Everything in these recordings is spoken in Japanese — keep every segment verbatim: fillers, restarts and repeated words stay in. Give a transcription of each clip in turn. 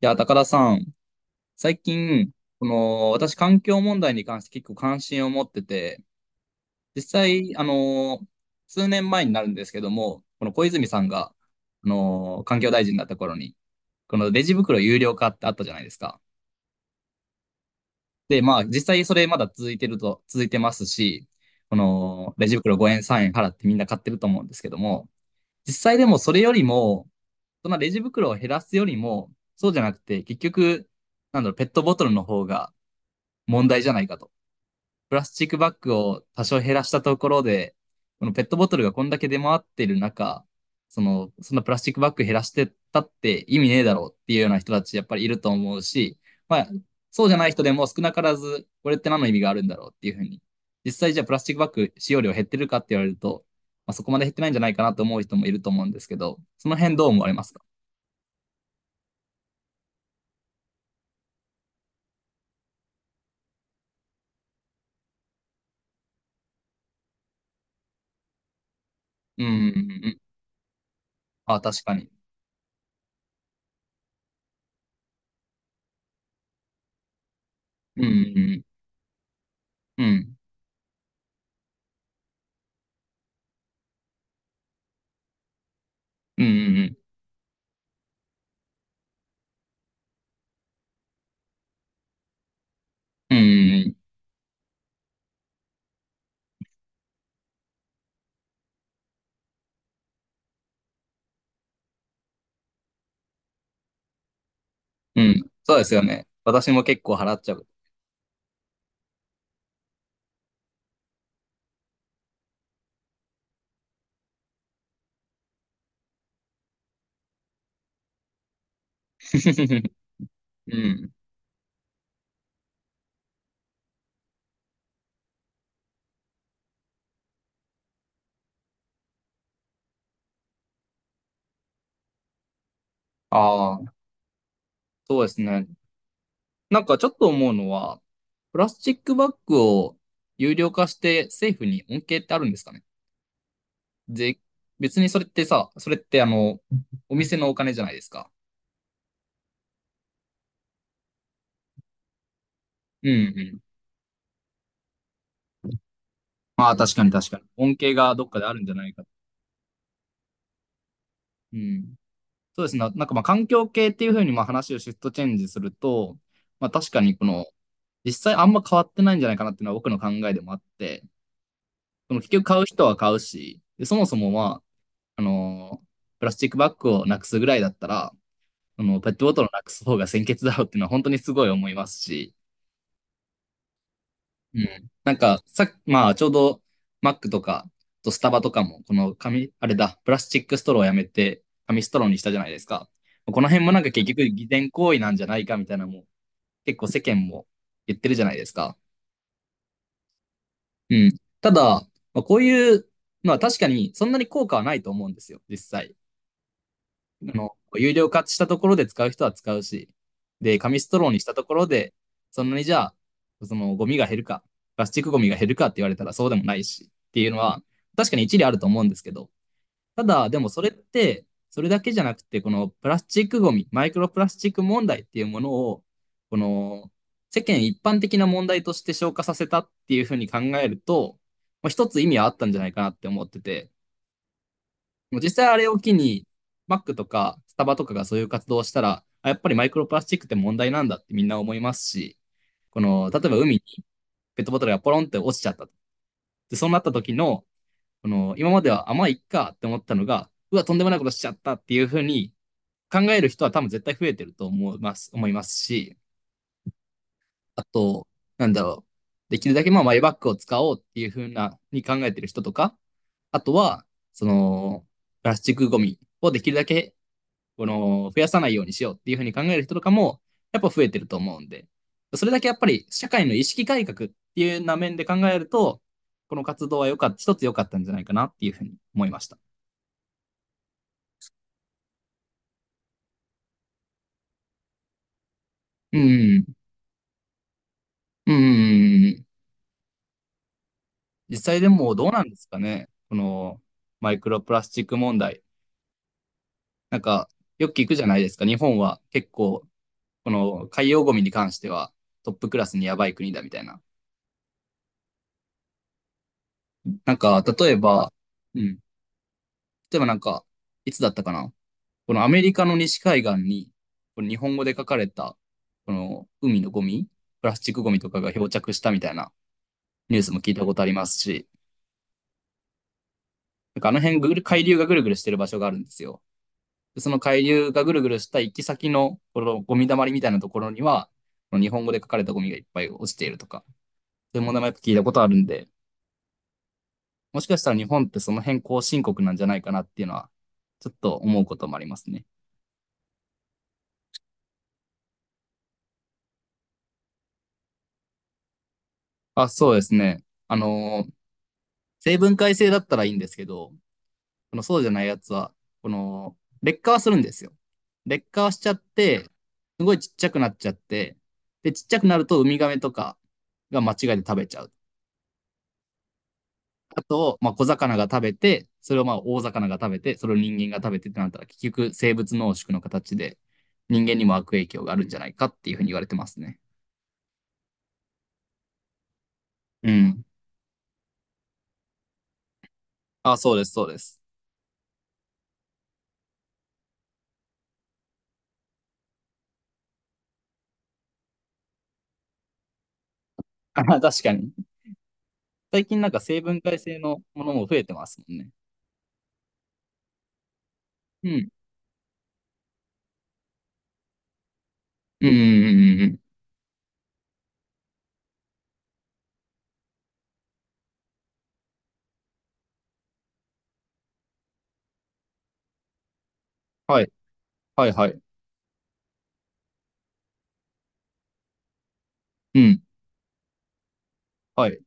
いや、高田さん、最近、この、私、環境問題に関して結構関心を持ってて、実際、あの、数年前になるんですけども、この小泉さんが、あの、環境大臣だった頃に、このレジ袋有料化ってあったじゃないですか。で、まあ、実際それまだ続いてると、続いてますし、この、レジ袋ごえん、さんえん払ってみんな買ってると思うんですけども、実際でもそれよりも、そのレジ袋を減らすよりも、そうじゃなくて、結局、なんだろう、ペットボトルの方が、問題じゃないかと。プラスチックバッグを多少減らしたところで、このペットボトルがこんだけ出回ってる中、その、そんなプラスチックバッグ減らしてたって意味ねえだろうっていうような人たちやっぱりいると思うし、まあ、そうじゃない人でも少なからず、これって何の意味があるんだろうっていうふうに。実際じゃあプラスチックバッグ使用量減ってるかって言われると、まあ、そこまで減ってないんじゃないかなと思う人もいると思うんですけど、その辺どう思われますか？うんうんうん。あ、確かに。うんうんうん。うんうんうん。うんうんうん。うん。そうですよね。私も結構払っちゃう。うん。ああ、そうですね。なんかちょっと思うのは、プラスチックバッグを有料化して政府に恩恵ってあるんですかね？で、別にそれってさ、それってあの、お店のお金じゃないですか。うんうん。まあ確かに確かに。恩恵がどっかであるんじゃないか。うん。そうですね。なんかまあ環境系っていうふうにまあ話をシフトチェンジすると、まあ確かにこの、実際あんま変わってないんじゃないかなっていうのは僕の考えでもあって、でも結局買う人は買うし、でそもそもまあ、あのープラスチックバッグをなくすぐらいだったら、あの、ペットボトルをなくす方が先決だろうっていうのは本当にすごい思いますし、うん。なんか、さまあ、ちょうど、マックとか、あとスタバとかも、この紙、あれだ、プラスチックストローをやめて、紙ストローにしたじゃないですか。この辺もなんか結局、偽善行為なんじゃないかみたいなのも、結構世間も言ってるじゃないですか。うん。ただ、まあ、こういうのは確かにそんなに効果はないと思うんですよ、実際。あの、有料化したところで使う人は使うし、で、紙ストローにしたところで、そんなにじゃあ、そのゴミが減るか、プラスチックゴミが減るかって言われたらそうでもないしっていうのは、確かに一理あると思うんですけど、ただ、でもそれって、それだけじゃなくて、このプラスチックゴミ、マイクロプラスチック問題っていうものを、この世間一般的な問題として消化させたっていうふうに考えると、まあ、一つ意味はあったんじゃないかなって思ってて、もう実際あれを機に、マックとかスタバとかがそういう活動をしたら、あやっぱりマイクロプラスチックって問題なんだってみんな思いますし、この、例えば海にペットボトルがポロンって落ちちゃった。で、そうなった時の、この、今までは甘いっかって思ったのが、うわ、とんでもないことしちゃったっていうふうに考える人は多分絶対増えてると思います、思いますし、あと、なんだろう、できるだけまあマイバッグを使おうっていうふうな、に考えてる人とか、あとは、その、プラスチックゴミをできるだけこの、増やさないようにしようっていうふうに考える人とかも、やっぱ増えてると思うんで、それだけやっぱり社会の意識改革っていうような面で考えると、この活動は良かった、一つ良かったんじゃないかなっていうふうに思いました。うん。うん。実際でもどうなんですかね。この、マイクロプラスチック問題。なんか、よく聞くじゃないですか。日本は結構、この海洋ゴミに関してはトップクラスにやばい国だみたいな。なんか、例えば、うん。例えばなんか、いつだったかな。このアメリカの西海岸に、この日本語で書かれた、この海のゴミ、プラスチックゴミとかが漂着したみたいなニュースも聞いたことありますし、なんかあの辺ぐる、海流がぐるぐるしてる場所があるんですよ。でその海流がぐるぐるした行き先の、このゴミ溜まりみたいなところには、この日本語で書かれたゴミがいっぱい落ちているとか、そういう問題もやっぱ聞いたことあるんで、もしかしたら日本ってその辺後進国なんじゃないかなっていうのは、ちょっと思うこともありますね。あ、そうですね。あのー、成分解性だったらいいんですけど、このそうじゃないやつは、この、劣化はするんですよ。劣化はしちゃって、すごいちっちゃくなっちゃって、で、ちっちゃくなるとウミガメとかが間違いで食べちゃう。あと、まあ、小魚が食べて、それをまあ大魚が食べて、それを人間が食べてってなったら、結局生物濃縮の形で人間にも悪影響があるんじゃないかっていうふうに言われてますね。うん。あ、そうです、そうです。あ確かに。最近なんか生分解性のものも増えてますもんね。うん。うん、うん、うん、うん。はい、はい、はい。うん、はい。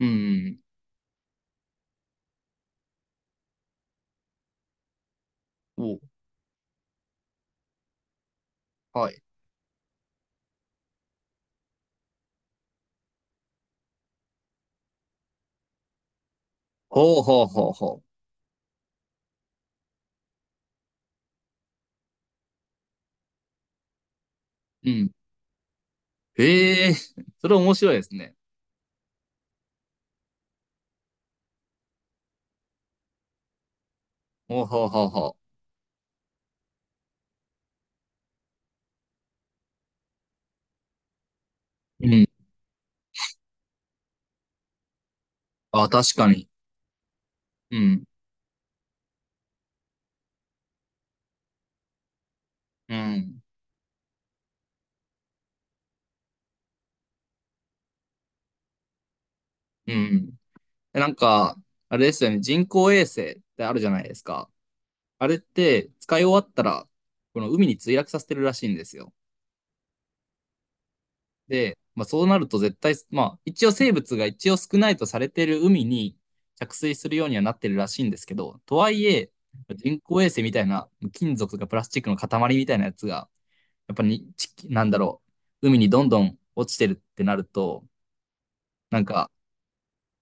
うん。お、はい。ほうほうほうほう。うん。へえ、それ面白いですね。ほうほうほうほう。うん。あ、確かに。うん。うん。うん。えなんか、あれですよね。人工衛星ってあるじゃないですか。あれって使い終わったら、この海に墜落させてるらしいんですよ。で、まあ、そうなると絶対、まあ、一応生物が一応少ないとされている海に着水するようにはなってるらしいんですけど、とはいえ、人工衛星みたいな金属とかプラスチックの塊みたいなやつが、やっぱりなんだろう、海にどんどん落ちてるってなると、なんか、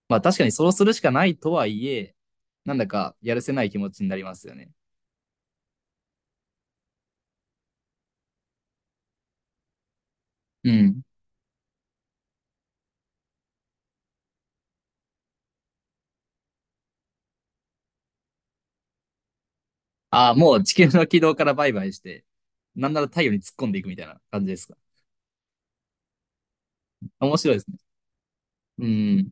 まあ確かにそうするしかないとはいえ、なんだかやるせない気持ちになりますよね。うん。ああ、もう地球の軌道からバイバイして、なんなら太陽に突っ込んでいくみたいな感じですか。面白いですね。うん。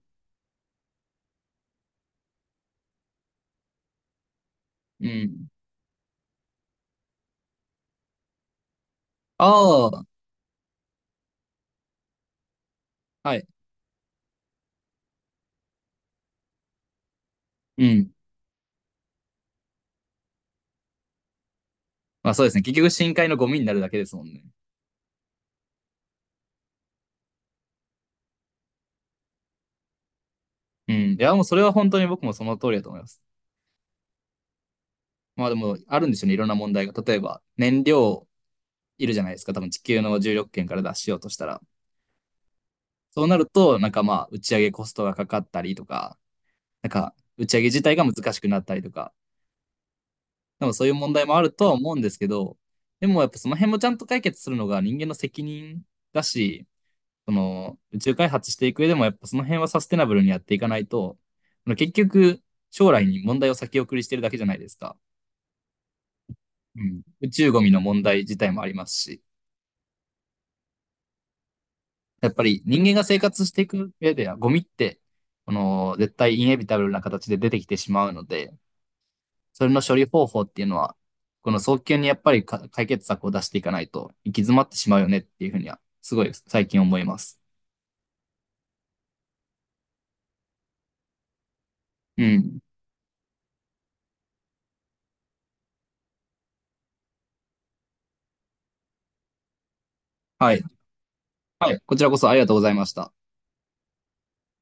うん。ああ、はい。うん。まあそうですね。結局深海のゴミになるだけですもんね。うん。いや、もうそれは本当に僕もその通りだと思います。まあでも、あるんでしょうね。いろんな問題が。例えば、燃料いるじゃないですか。多分地球の重力圏から脱しようとしたら。そうなると、なんかまあ、打ち上げコストがかかったりとか、なんか、打ち上げ自体が難しくなったりとか、でもそういう問題もあるとは思うんですけど、でもやっぱその辺もちゃんと解決するのが人間の責任だし、その宇宙開発していく上でもやっぱその辺はサステナブルにやっていかないと、あの結局将来に問題を先送りしてるだけじゃないですか。うん、宇宙ゴミの問題自体もありますし、やっぱり人間が生活していく上ではゴミって、この絶対インエビタブルな形で出てきてしまうので、それの処理方法っていうのは、この早急にやっぱりか解決策を出していかないと行き詰まってしまうよねっていうふうには、すごい最近思います。うん。はい。はい。こちらこそありがとうございました。